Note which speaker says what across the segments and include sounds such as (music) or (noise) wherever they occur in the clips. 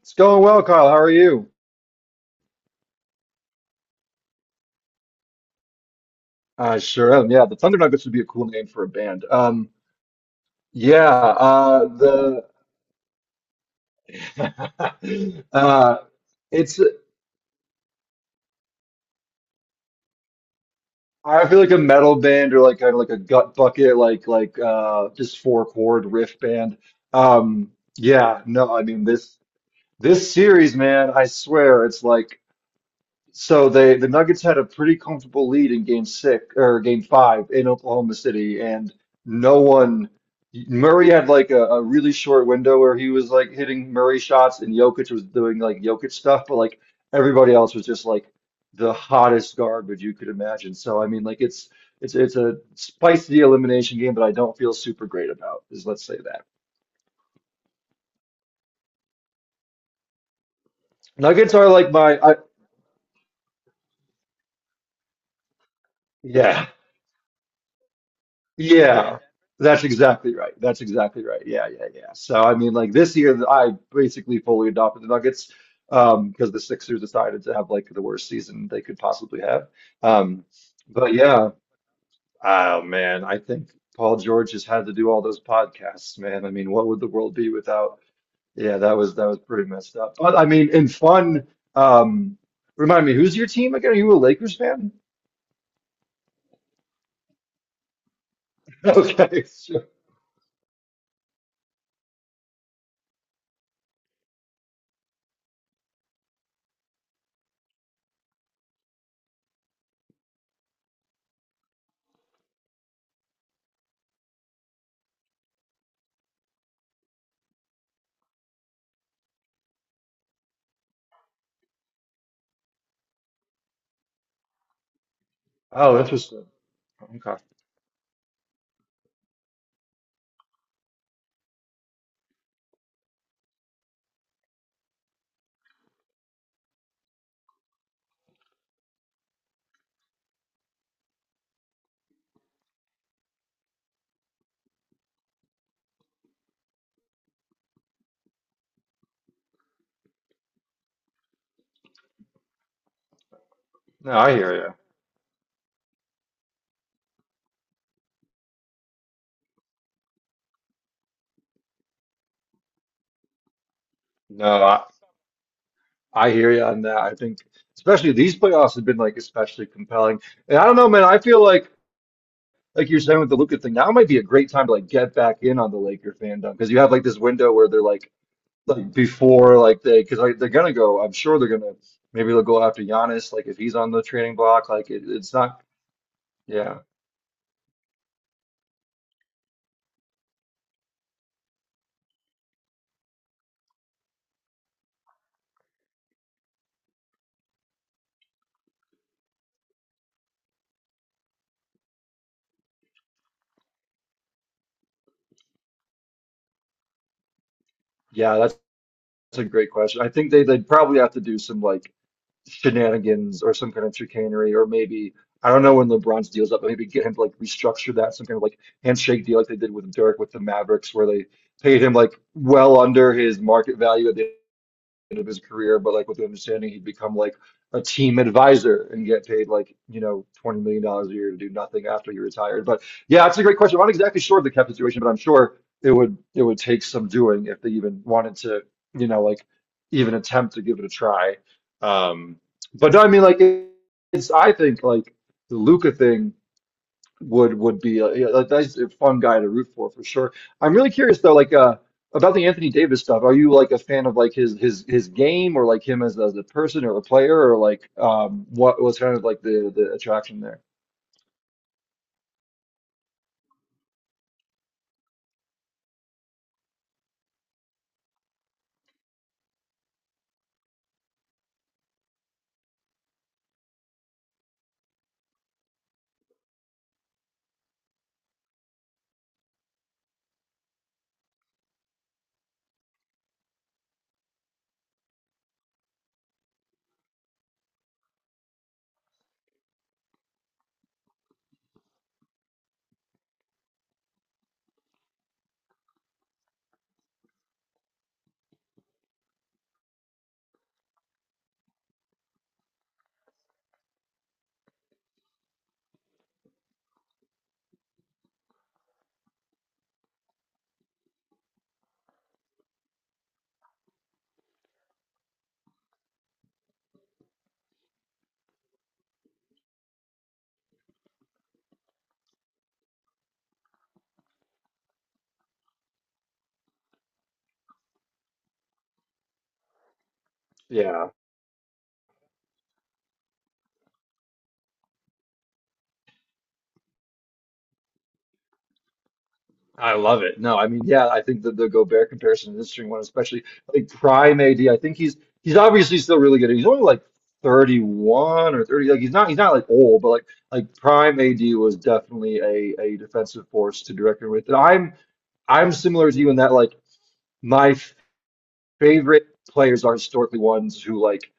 Speaker 1: It's going well, Kyle. How are you? I sure am. Yeah, the Thunder Nuggets would be a cool name for a band. Yeah, the (laughs) uh, it's I feel like a metal band or like kind of like a gut bucket, like just four chord riff band. Yeah, no, I mean this series, man. I swear, it's like. So the Nuggets had a pretty comfortable lead in game six or game five in Oklahoma City, and no one Murray had like a really short window where he was like hitting Murray shots and Jokic was doing like Jokic stuff, but like everybody else was just like the hottest garbage you could imagine. So I mean like it's a spicy elimination game, but I don't feel super great about is let's say that. Nuggets are like my I yeah. Yeah, that's exactly right. That's exactly right. Yeah, yeah, yeah. So I mean, like this year, I basically fully adopted the Nuggets because the Sixers decided to have like the worst season they could possibly have. Um, but yeah, oh man, I think Paul George has had to do all those podcasts, man. I mean, what would the world be without? Yeah, that was pretty messed up. But I mean, in fun, um, remind me, who's your team again? Are you a Lakers fan? (laughs) Okay, sure. Oh, interesting. Okay. No, I hear you. No, I hear you on that. I think especially these playoffs have been like especially compelling. And I don't know, man, I feel like you're saying with the Luka thing, now might be a great time to like get back in on the Laker fandom because you have like this window where they're like before like they because like they're gonna go. I'm sure they're gonna maybe they'll go after Giannis like if he's on the trading block. Like it, it's not. Yeah, yeah, that's a great question. I think they'd probably have to do some like shenanigans or some kind of chicanery, or maybe I don't know when LeBron's deal's up, but maybe get him to like restructure that some kind of like handshake deal like they did with Dirk with the Mavericks, where they paid him like well under his market value at the end of his career, but like with the understanding he'd become like a team advisor and get paid like, $20 million dollars a year to do nothing after he retired. But yeah, that's a great question. I'm not exactly sure of the cap situation, but I'm sure it would take some doing if they even wanted to, you know, like even attempt to give it a try. Um, but no, I mean like it's I think like the Luca thing would be a, yeah, like that's a fun guy to root for sure. I'm really curious though, about the Anthony Davis stuff. Are you like a fan of like his game or like him as a person or a player or like what was kind of like the attraction there? Yeah, I love it. No, I mean yeah, I think the Gobert comparison is an interesting one, especially like prime AD. I think he's obviously still really good. He's only like 31 or 30. Like he's not like old, but like prime AD was definitely a defensive force to direct him with. And I'm similar to you in that like my favorite players are historically ones who like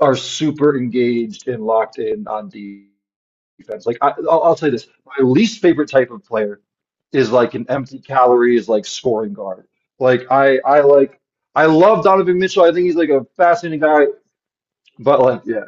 Speaker 1: are super engaged and locked in on defense. Like I'll say this, my least favorite type of player is like an empty calorie is like scoring guard. Like I love Donovan Mitchell. I think he's like a fascinating guy, but like yeah.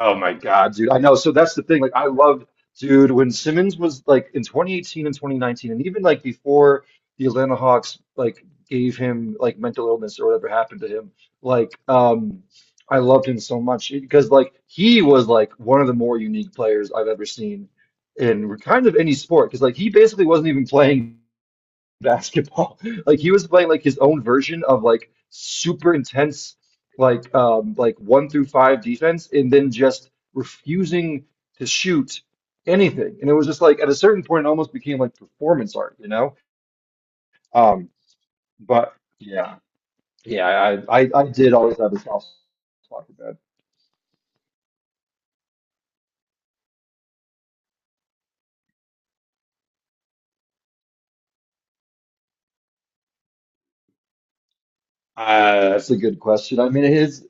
Speaker 1: Oh my God, dude. I know. So that's the thing. Like, I loved, dude, when Simmons was like in 2018 and 2019, and even like before the Atlanta Hawks like gave him like mental illness or whatever happened to him, like, I loved him so much because like he was like one of the more unique players I've ever seen in kind of any sport because like he basically wasn't even playing basketball. (laughs) Like he was playing like his own version of like super intense like one through five defense and then just refusing to shoot anything. And it was just like at a certain point it almost became like performance art, you know? Um but Yeah. Yeah, I did always have a soft spot for that. That's a good question. I mean, his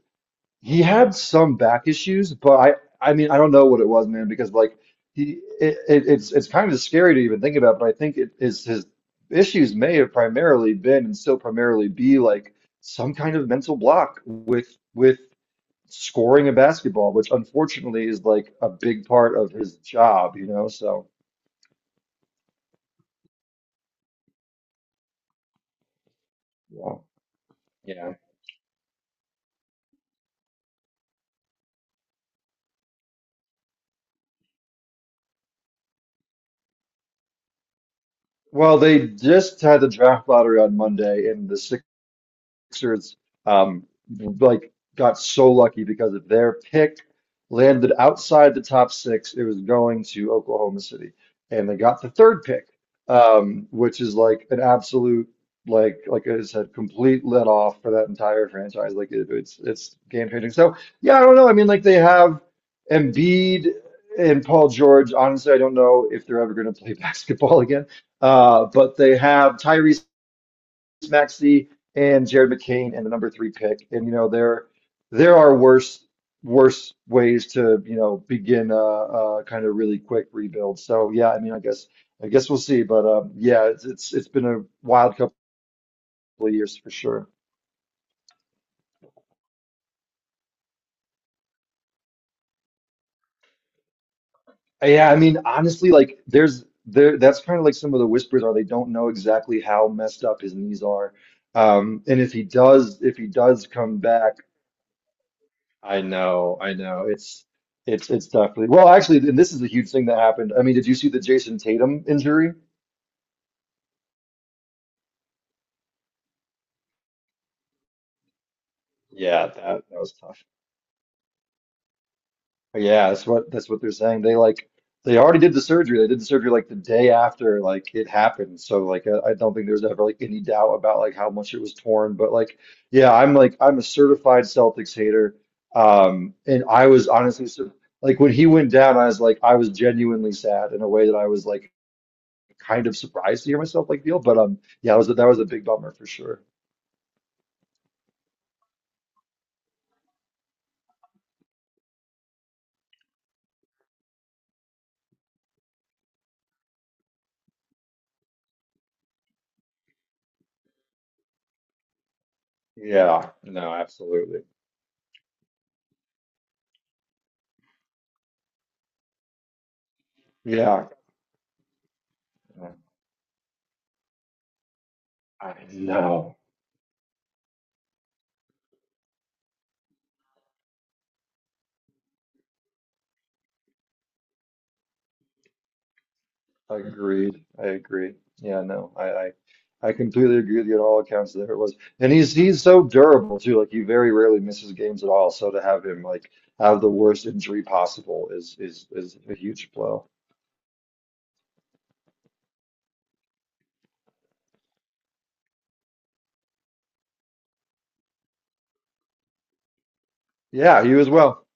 Speaker 1: he had some back issues, but I mean I don't know what it was, man, because like he it, it's kind of scary to even think about, but I think it is his issues may have primarily been and still primarily be like some kind of mental block with scoring a basketball, which unfortunately is like a big part of his job, you know? So, yeah. Yeah. Well, they just had the draft lottery on Monday, and the Sixers um, like got so lucky because of their pick landed outside the top six. It was going to Oklahoma City, and they got the third pick, which is like an absolute like I said, complete let off for that entire franchise. Like it, it's game changing. So yeah, I don't know. I mean, like they have Embiid and Paul George. Honestly, I don't know if they're ever going to play (laughs) basketball again. But they have Tyrese Maxey and Jared McCain and the number three pick. And you know there there are worse ways to you know begin a kind of really quick rebuild. So yeah, I mean I guess we'll see. But yeah, it's been a wild couple of years for sure. Yeah, I mean honestly, like there's there that's kind of like some of the whispers are they don't know exactly how messed up his knees are. And if he does come back. I know, I know. It's definitely well, actually, and this is a huge thing that happened. I mean, did you see the Jason Tatum injury? Yeah, that that was tough. Yeah, that's what they're saying. They like they already did the surgery. They did the surgery like the day after like it happened. So like I don't think there's ever like any doubt about like how much it was torn. But like yeah, I'm like I'm a certified Celtics hater. And I was honestly sur- like when he went down, I was like I was genuinely sad in a way that I was like kind of surprised to hear myself like Neil, but yeah, that was a big bummer for sure. Yeah, no, absolutely. Yeah, I know. Agreed. I agree. Yeah, no, I completely agree with you on all accounts. There it was, and he's so durable too. Like he very rarely misses games at all. So to have him like have the worst injury possible is is a huge blow. Yeah, you as well.